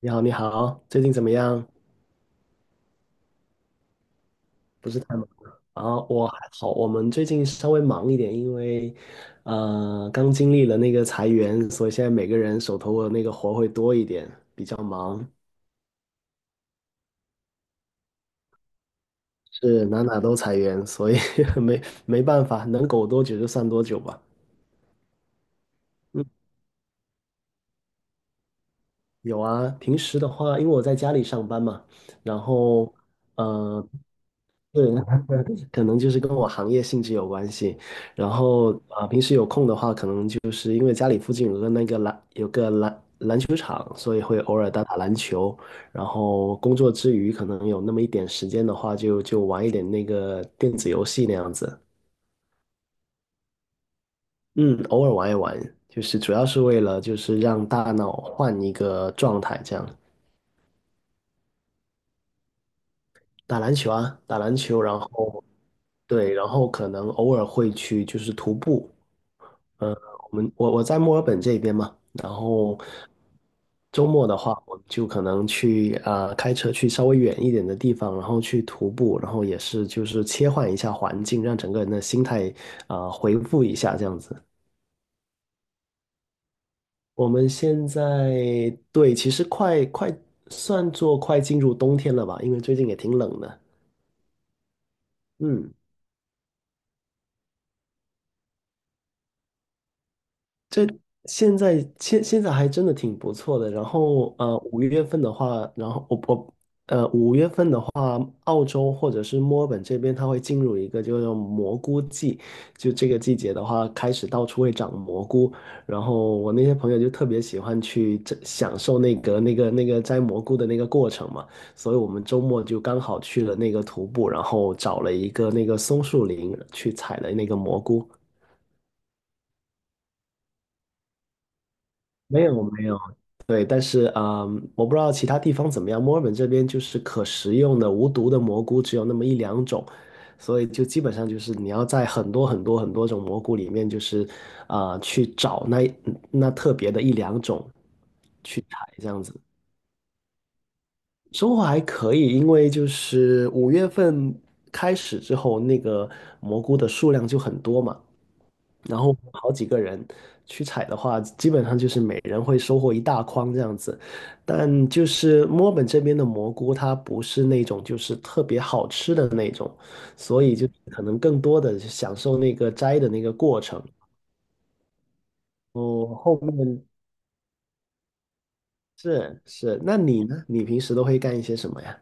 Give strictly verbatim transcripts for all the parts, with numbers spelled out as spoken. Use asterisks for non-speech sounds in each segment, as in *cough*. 你好，你好，最近怎么样？不是太忙啊，我还好。我们最近稍微忙一点，因为呃，刚经历了那个裁员，所以现在每个人手头的那个活会多一点，比较忙，是哪哪都裁员，所以 *laughs* 没没办法，能苟多久就算多久吧。嗯，有啊，平时的话，因为我在家里上班嘛，然后呃，对，*laughs* 可能就是跟我行业性质有关系。然后啊，平时有空的话，可能就是因为家里附近有个那个篮，有个篮篮球场，所以会偶尔打打篮球。然后工作之余，可能有那么一点时间的话就，就玩一点那个电子游戏那样子。嗯，偶尔玩一玩，就是主要是为了就是让大脑换一个状态，这样打篮球啊，打篮球，然后对，然后可能偶尔会去就是徒步。我们我我在墨尔本这边嘛，然后周末的话，我就可能去呃开车去稍微远一点的地方，然后去徒步，然后也是就是切换一下环境，让整个人的心态啊、呃回复一下这样子。我们现在对，其实快快算作快进入冬天了吧，因为最近也挺冷的。嗯，这现在现现在还真的挺不错的。然后呃，五月份的话，然后我我呃五月份的话，澳洲或者是墨尔本这边，它会进入一个叫做蘑菇季。就这个季节的话，开始到处会长蘑菇。然后我那些朋友就特别喜欢去这享受那个那个那个摘蘑菇的那个过程嘛。所以我们周末就刚好去了那个徒步，然后找了一个那个松树林去采了那个蘑菇。没有没有，对，但是啊嗯我不知道其他地方怎么样。墨尔本这边就是可食用的无毒的蘑菇只有那么一两种，所以就基本上就是你要在很多很多很多种蘑菇里面，就是啊、呃去找那那特别的一两种去采这样子。收获还可以，因为就是五月份开始之后，那个蘑菇的数量就很多嘛。然后好几个人去采的话，基本上就是每人会收获一大筐这样子。但就是墨尔本这边的蘑菇，它不是那种就是特别好吃的那种，所以就可能更多的享受那个摘的那个过程。哦，后面是是，那你呢？你平时都会干一些什么呀？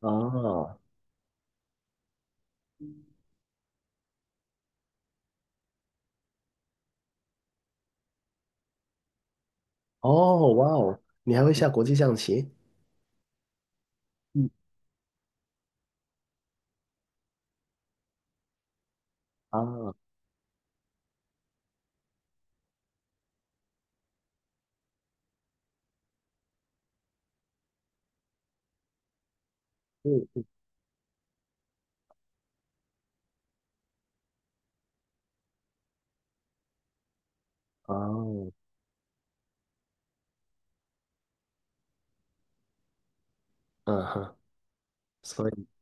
哦哦，哇哦，你还会下国际象棋啊？嗯哦，嗯哼。所以。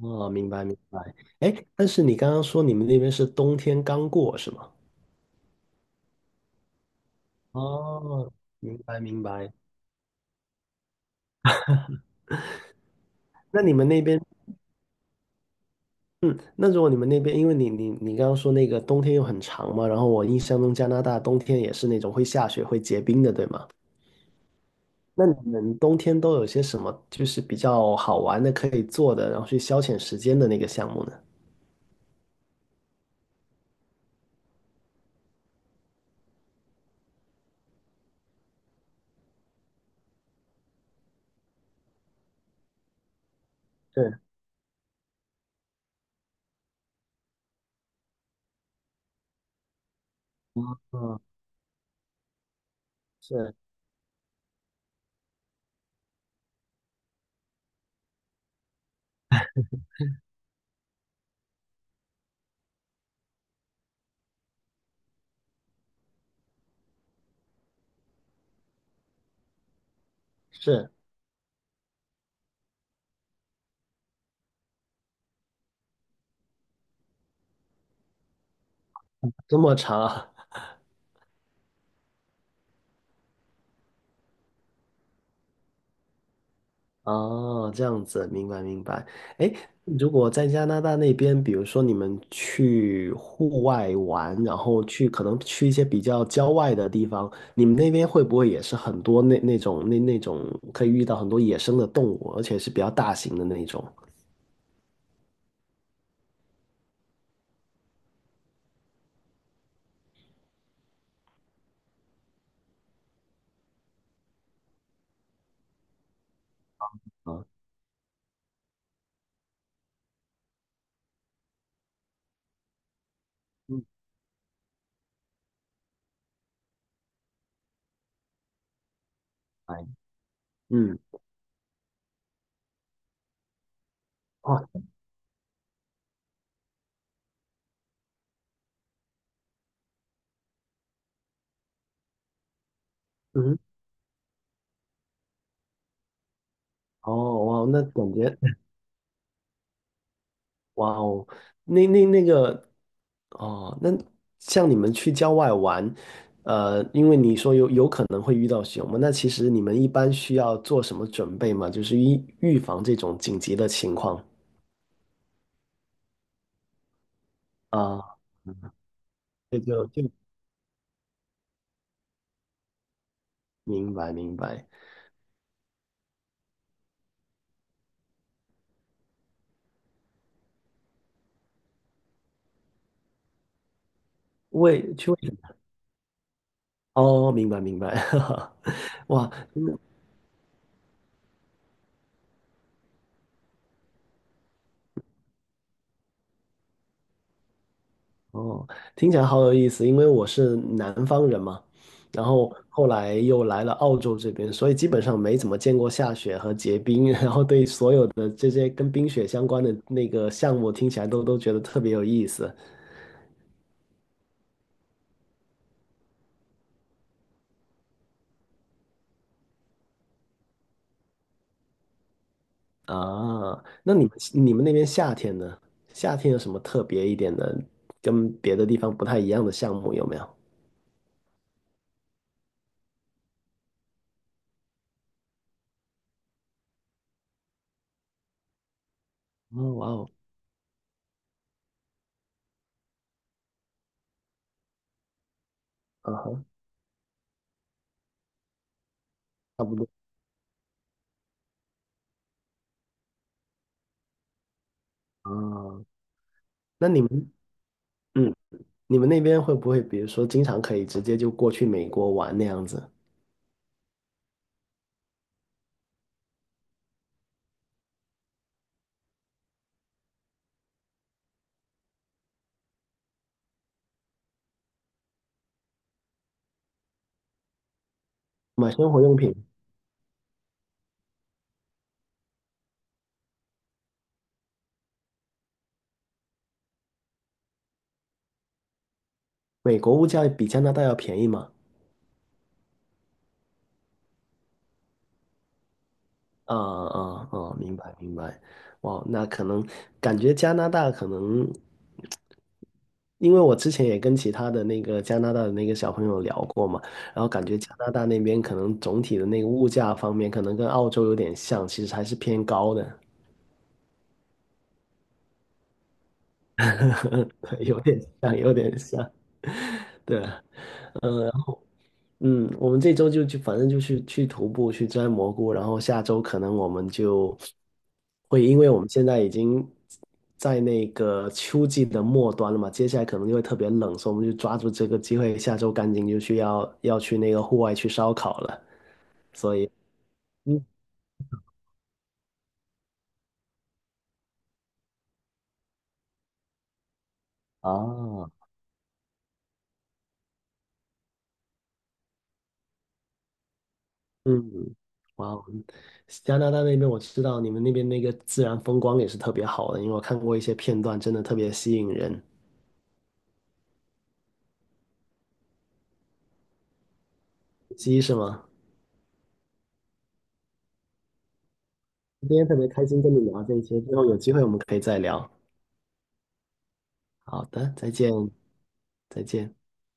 哦，明白明白。哎，但是你刚刚说你们那边是冬天刚过是吗？哦，明白明白。那你们那边，嗯，那如果你们那边，因为你你你刚刚说那个冬天又很长嘛，然后我印象中加拿大冬天也是那种会下雪、会结冰的，对吗？那你们冬天都有些什么就是比较好玩的可以做的，然后去消遣时间的那个项目呢？是，嗯，是是这么长啊，哦，这样子，明白明白。哎，如果在加拿大那边，比如说你们去户外玩，然后去可能去一些比较郊外的地方，你们那边会不会也是很多那那种那那种可以遇到很多野生的动物，而且是比较大型的那种啊？嗯，哎，嗯，哇，嗯，哦，哇，那感觉，*laughs* 哇哦，那那那个。哦，那像你们去郊外玩，呃，因为你说有有可能会遇到熊嘛，那其实你们一般需要做什么准备吗？就是预预防这种紧急的情况啊，这就就明白明白，为去为哦，明白明白，*laughs* 哇，哦，听起来好有意思，因为我是南方人嘛，然后后来又来了澳洲这边，所以基本上没怎么见过下雪和结冰，*laughs* 然后对所有的这些跟冰雪相关的那个项目听起来都都觉得特别有意思啊。那你们你们那边夏天呢？夏天有什么特别一点的，跟别的地方不太一样的项目有没有？哦，哇哦，啊哈，差不多啊。那你们，嗯，你们那边会不会，比如说，经常可以直接就过去美国玩那样子，买生活用品？美国物价比加拿大要便宜吗？啊啊啊！明白明白。哇，那可能感觉加拿大可能，因为我之前也跟其他的那个加拿大的那个小朋友聊过嘛，然后感觉加拿大那边可能总体的那个物价方面，可能跟澳洲有点像，其实还是偏高的，*laughs* 有点像，有点像。对，嗯。嗯，我们这周就去，反正就去去徒步，去摘蘑菇，然后下周可能我们就会，因为我们现在已经在那个秋季的末端了嘛，接下来可能就会特别冷，所以我们就抓住这个机会，下周赶紧就去要要去那个户外去烧烤了。所以，嗯啊，嗯，哇哦，加拿大那边我知道你们那边那个自然风光也是特别好的，因为我看过一些片段，真的特别吸引人。鸡是吗？今天特别开心跟你聊这些，之后有机会我们可以再聊。好的，再见，再见。